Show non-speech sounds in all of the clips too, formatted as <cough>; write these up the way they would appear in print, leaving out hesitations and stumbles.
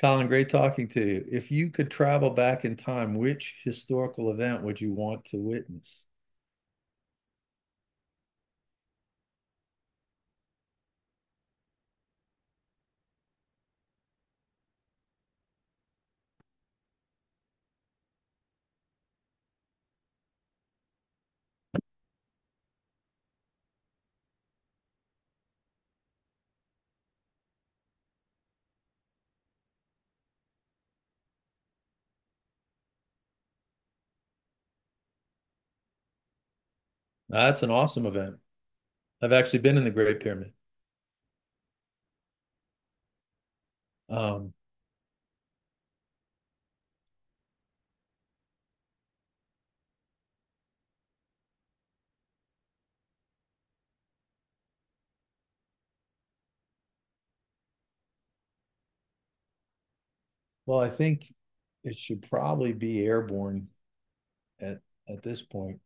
Colin, great talking to you. If you could travel back in time, which historical event would you want to witness? That's an awesome event. I've actually been in the Great Pyramid. Um, well, I think it should probably be airborne at at this point,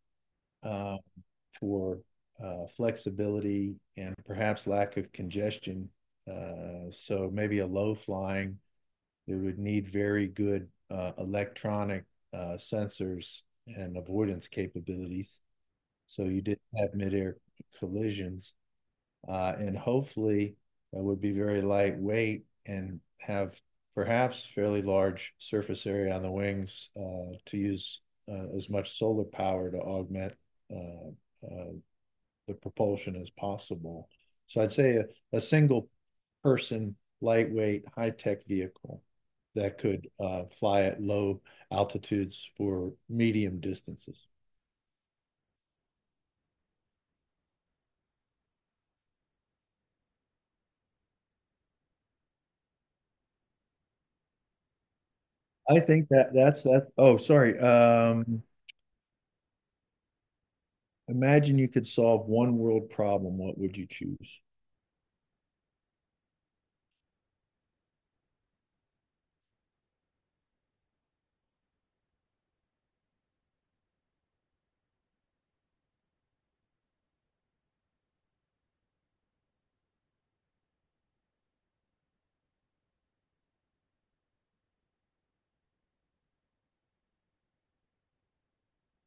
uh, for flexibility and perhaps lack of congestion. So maybe a low flying. It would need very good electronic sensors and avoidance capabilities. So you did not have midair collisions. And hopefully it would be very lightweight and have perhaps fairly large surface area on the wings to use as much solar power to augment uh, uh, the propulsion as possible. So I'd say a single person, lightweight, high tech vehicle that could fly at low altitudes for medium distances. I think that that's that. Oh, sorry. Imagine you could solve one world problem. What would you choose?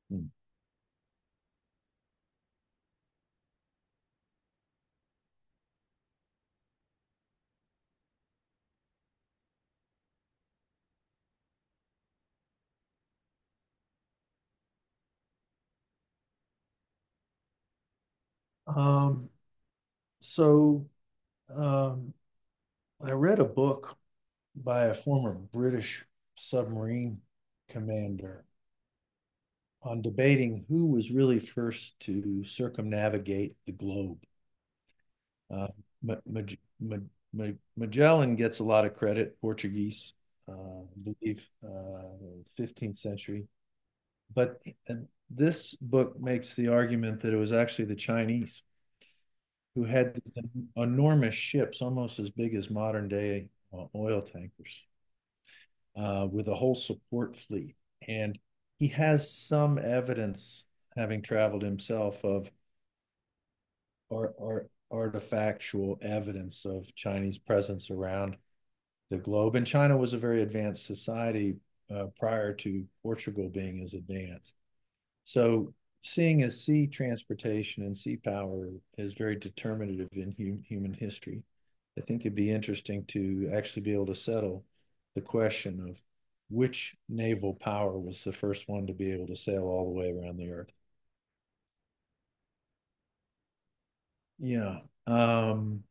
Hmm. Um, so um, I read a book by a former British submarine commander on debating who was really first to circumnavigate the globe. Uh, Ma- Maj- Ma- Magellan gets a lot of credit, Portuguese, uh, I believe, 15th century. But and this book makes the argument that it was actually the Chinese who had enormous ships, almost as big as modern day oil tankers, with a whole support fleet. And he has some evidence, having traveled himself, of or artifactual evidence of Chinese presence around the globe. And China was a very advanced society prior to Portugal being as advanced. So seeing as sea transportation and sea power is very determinative in human history, I think it'd be interesting to actually be able to settle the question of which naval power was the first one to be able to sail all the way around the earth. Yeah. Um,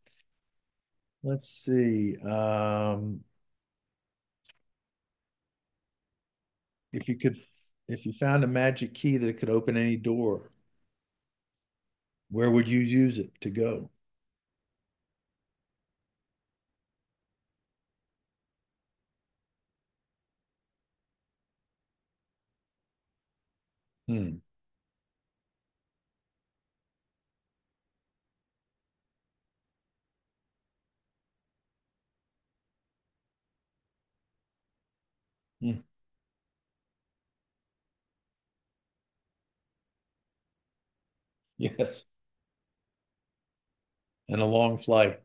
let's see. If you could, if you found a magic key that could open any door, where would you use it to go? Hmm. Hmm. <laughs> Yes. And a long flight.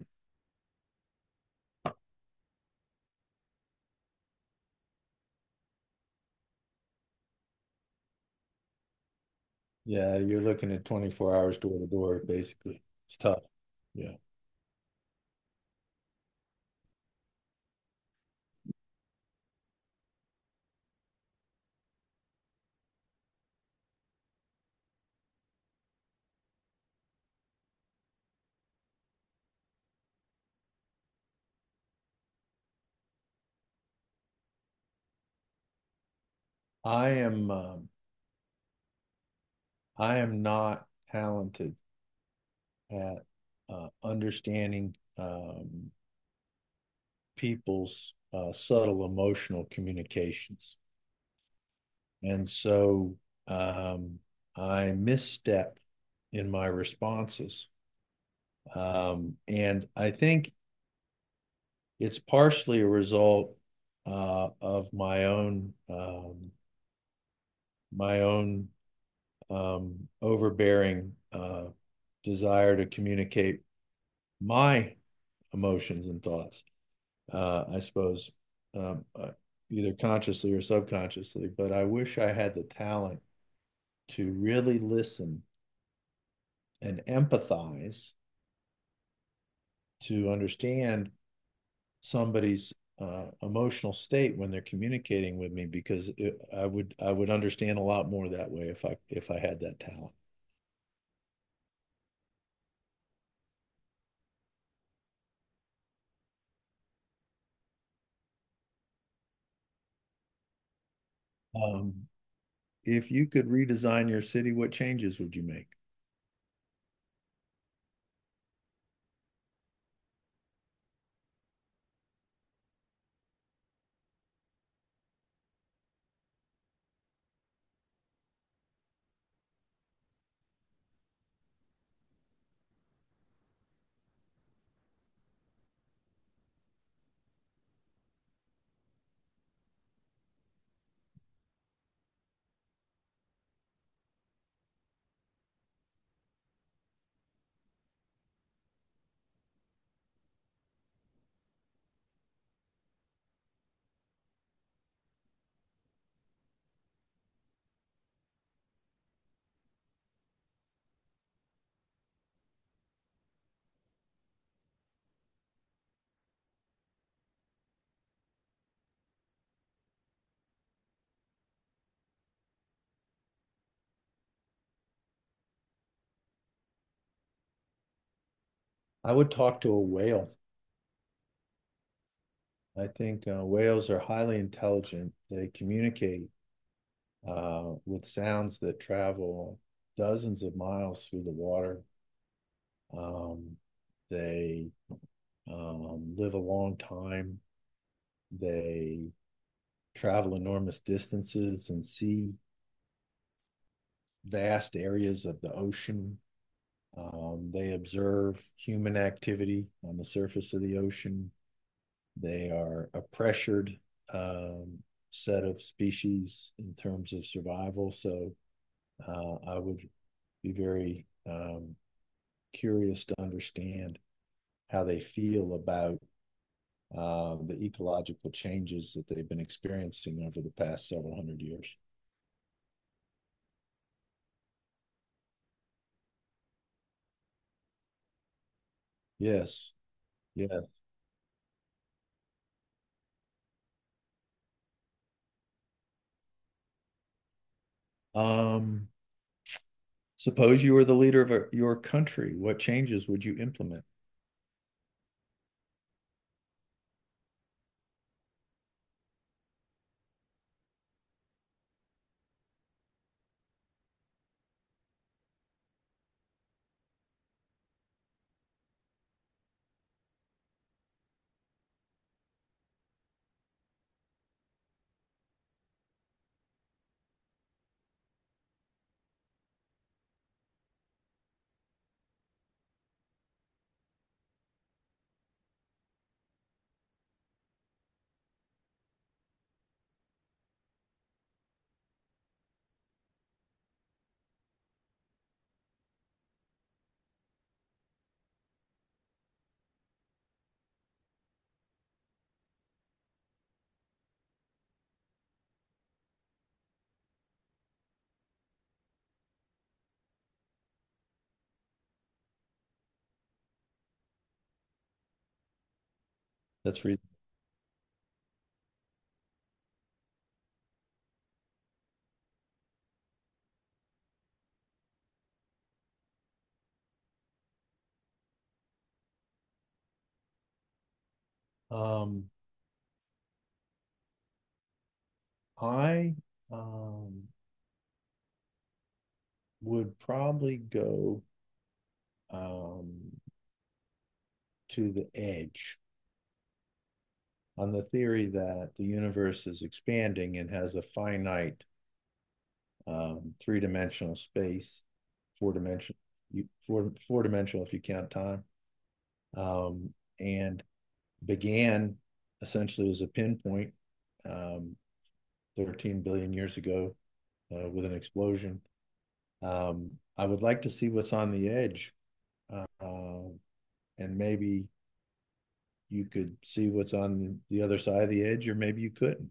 Yeah, you're looking at 24 hours door to door, basically. It's tough. Yeah. I am um, I am not talented at understanding people's subtle emotional communications. And so um, I misstep in my responses. And I think it's partially a result of my own my own overbearing desire to communicate my emotions and thoughts. I suppose um, uh, either consciously or subconsciously, but I wish I had the talent to really listen and empathize to understand somebody's emotional state when they're communicating with me because I would understand a lot more that way if I had that talent. Um, if you could redesign your city, what changes would you make? I would talk to a whale. I think whales are highly intelligent. They communicate with sounds that travel dozens of miles through the water. Um, they live a long time. They travel enormous distances and see vast areas of the ocean. They observe human activity on the surface of the ocean. They are a pressured um, set of species in terms of survival. So I would be very curious to understand how they feel about the ecological changes that they've been experiencing over the past several hundred years. Yes, yeah. Um, Suppose you were the leader of your country, what changes would you implement? That's reason. Um, I, um, would probably go, um, to the edge on the theory that the universe is expanding and has a finite, three-dimensional space, four-dimensional, four-dimensional if you count time, and began essentially as a pinpoint, um, 13 billion years ago with an explosion. I would like to see what's on the edge, uh, and maybe you could see what's on the other side of the edge, or maybe you couldn't.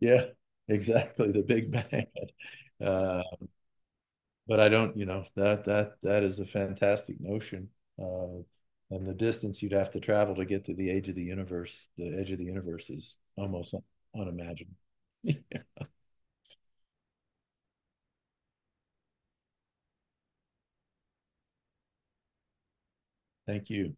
Yeah, <laughs> exactly. The big bang. <laughs> Uh, but I don't, you know, that is a fantastic notion. Uh, and the distance you'd have to travel to get to the edge of the universe, the edge of the universe is almost unimaginable. <laughs> Thank you.